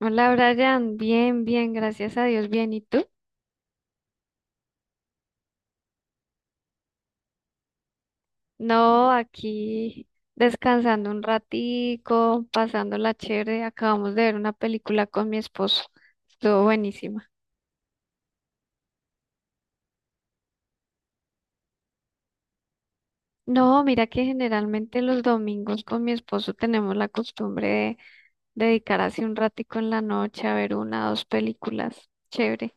Hola Brian, bien, bien, gracias a Dios, bien. ¿Y tú? No, aquí descansando un ratico, pasándola chévere. Acabamos de ver una película con mi esposo. Estuvo buenísima. No, mira que generalmente los domingos con mi esposo tenemos la costumbre de dedicar así un ratico en la noche a ver una o dos películas. Chévere.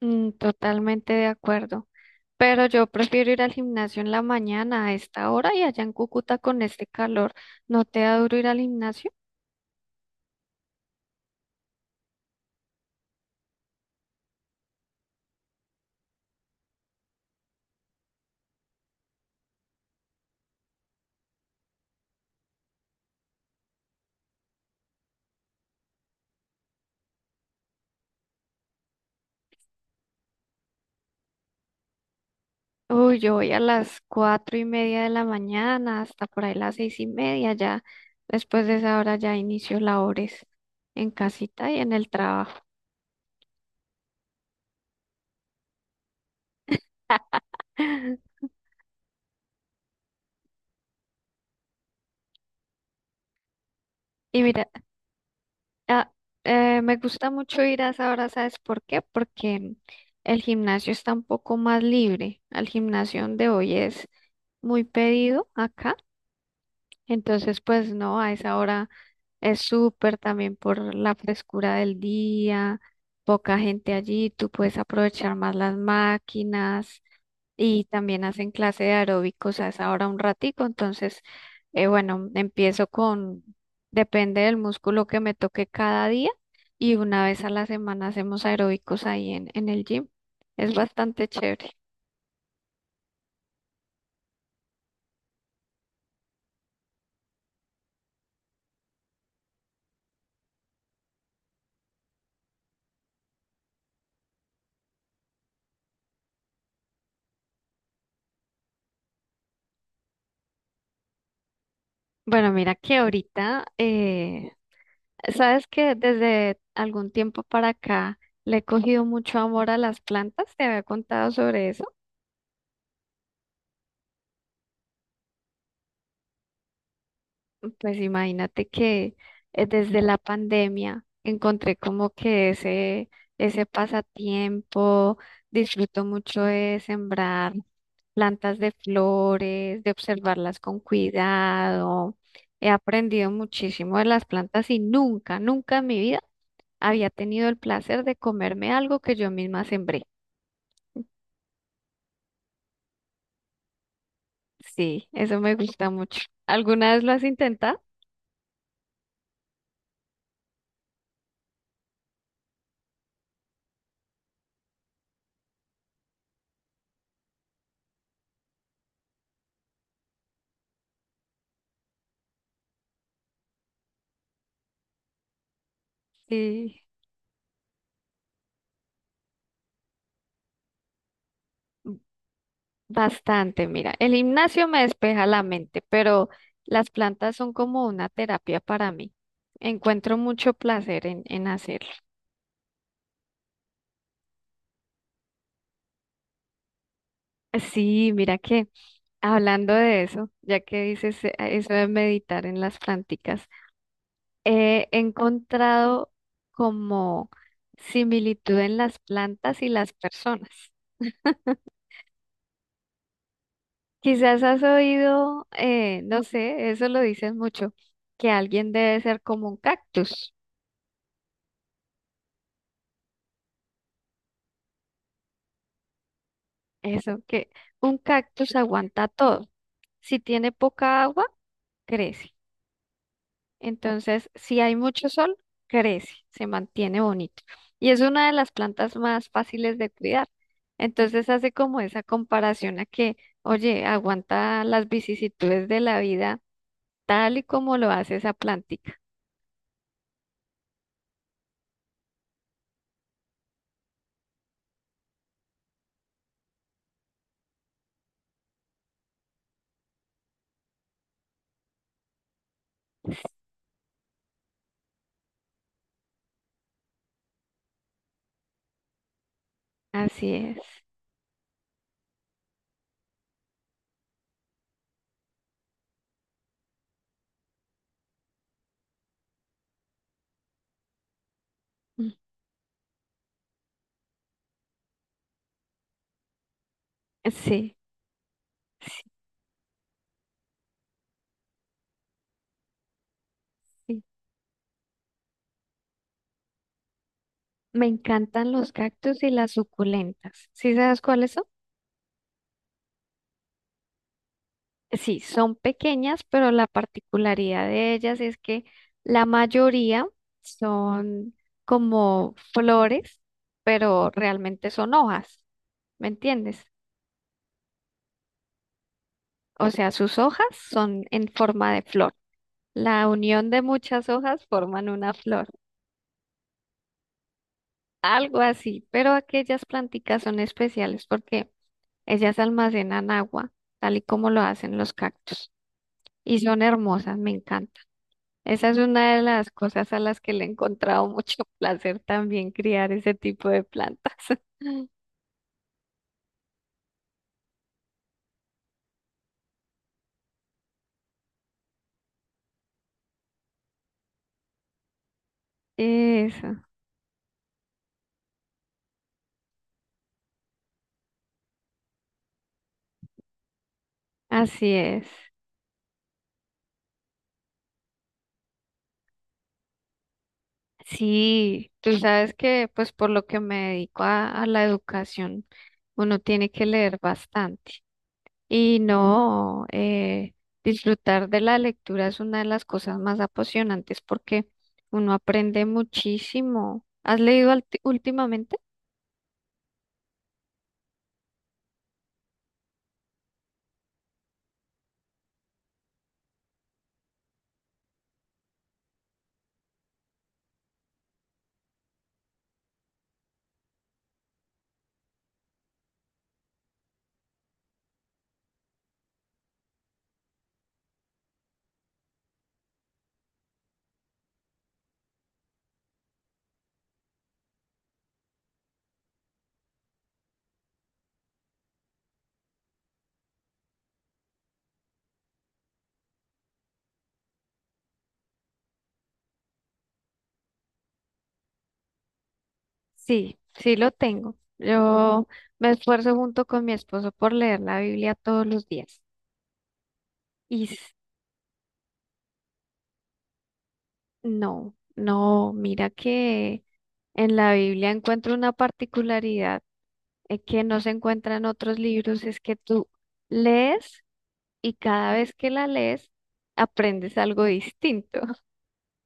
Mm, totalmente de acuerdo. Pero yo prefiero ir al gimnasio en la mañana a esta hora y allá en Cúcuta con este calor, ¿no te da duro ir al gimnasio? Uy, yo voy a las cuatro y media de la mañana hasta por ahí las seis y media ya. Después de esa hora ya inicio labores en casita y en el trabajo. Y mira, ah, me gusta mucho ir a esa hora, ¿sabes por qué? Porque el gimnasio está un poco más libre. Al gimnasio donde hoy es muy pedido acá. Entonces, pues no, a esa hora es súper también por la frescura del día, poca gente allí, tú puedes aprovechar más las máquinas y también hacen clase de aeróbicos a esa hora un ratico. Entonces, bueno, empiezo con, depende del músculo que me toque cada día y una vez a la semana hacemos aeróbicos ahí en el gym. Es bastante chévere. Bueno, mira que ahorita sabes que desde algún tiempo para acá le he cogido mucho amor a las plantas, te había contado sobre eso. Pues imagínate que desde la pandemia encontré como que ese pasatiempo, disfruto mucho de sembrar plantas de flores, de observarlas con cuidado. He aprendido muchísimo de las plantas y nunca, nunca en mi vida había tenido el placer de comerme algo que yo misma sembré. Sí, eso me gusta mucho. ¿Alguna vez lo has intentado? Sí, bastante. Mira, el gimnasio me despeja la mente, pero las plantas son como una terapia para mí. Encuentro mucho placer en hacerlo. Sí, mira que hablando de eso, ya que dices eso de meditar en las planticas, he encontrado como similitud en las plantas y las personas. Quizás has oído, no sé, eso lo dicen mucho, que alguien debe ser como un cactus. Eso, que un cactus aguanta todo. Si tiene poca agua, crece. Entonces, si hay mucho sol, crece, se mantiene bonito. Y es una de las plantas más fáciles de cuidar. Entonces hace como esa comparación a que, oye, aguanta las vicisitudes de la vida tal y como lo hace esa plántica. Así es. Mm, sí, sí, sí. Me encantan los cactus y las suculentas. ¿Sí sabes cuáles son? Sí, son pequeñas, pero la particularidad de ellas es que la mayoría son como flores, pero realmente son hojas, ¿me entiendes? O sea, sus hojas son en forma de flor. La unión de muchas hojas forman una flor, algo así, pero aquellas planticas son especiales porque ellas almacenan agua, tal y como lo hacen los cactus, y son hermosas, me encantan. Esa es una de las cosas a las que le he encontrado mucho placer también, criar ese tipo de plantas. Eso, así es. Sí, tú sabes que pues por lo que me dedico a la educación, uno tiene que leer bastante. Y no, disfrutar de la lectura es una de las cosas más apasionantes porque uno aprende muchísimo. ¿Has leído últimamente? Sí, sí lo tengo. Yo me esfuerzo junto con mi esposo por leer la Biblia todos los días. Y s- no, no, mira que en la Biblia encuentro una particularidad que no se encuentra en otros libros, es que tú lees y cada vez que la lees aprendes algo distinto.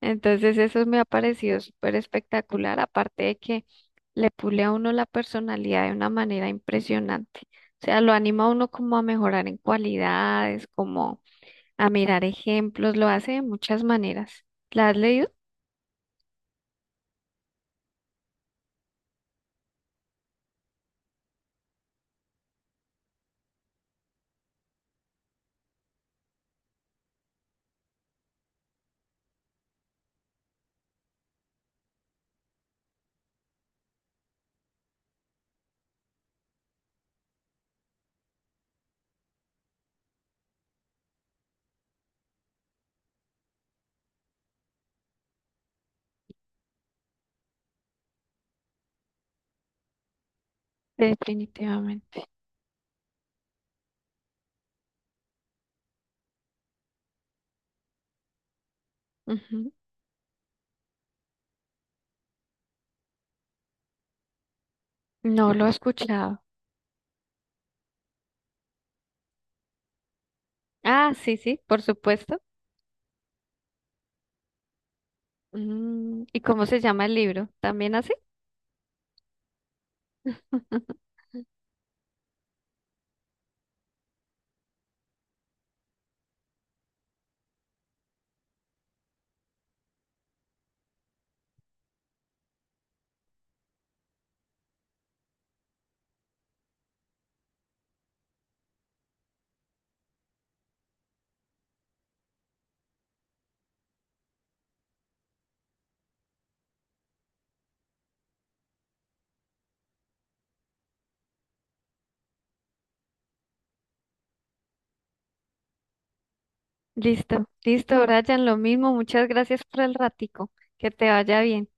Entonces eso me ha parecido súper espectacular, aparte de que le pule a uno la personalidad de una manera impresionante. O sea, lo anima a uno como a mejorar en cualidades, como a mirar ejemplos, lo hace de muchas maneras. ¿La has leído? Definitivamente. Ujú. No lo he escuchado. Ah, sí, sí, por supuesto. Mm, ¿y cómo se llama el libro? ¿También así? Listo, listo, Brian, lo mismo. Muchas gracias por el ratico. Que te vaya bien.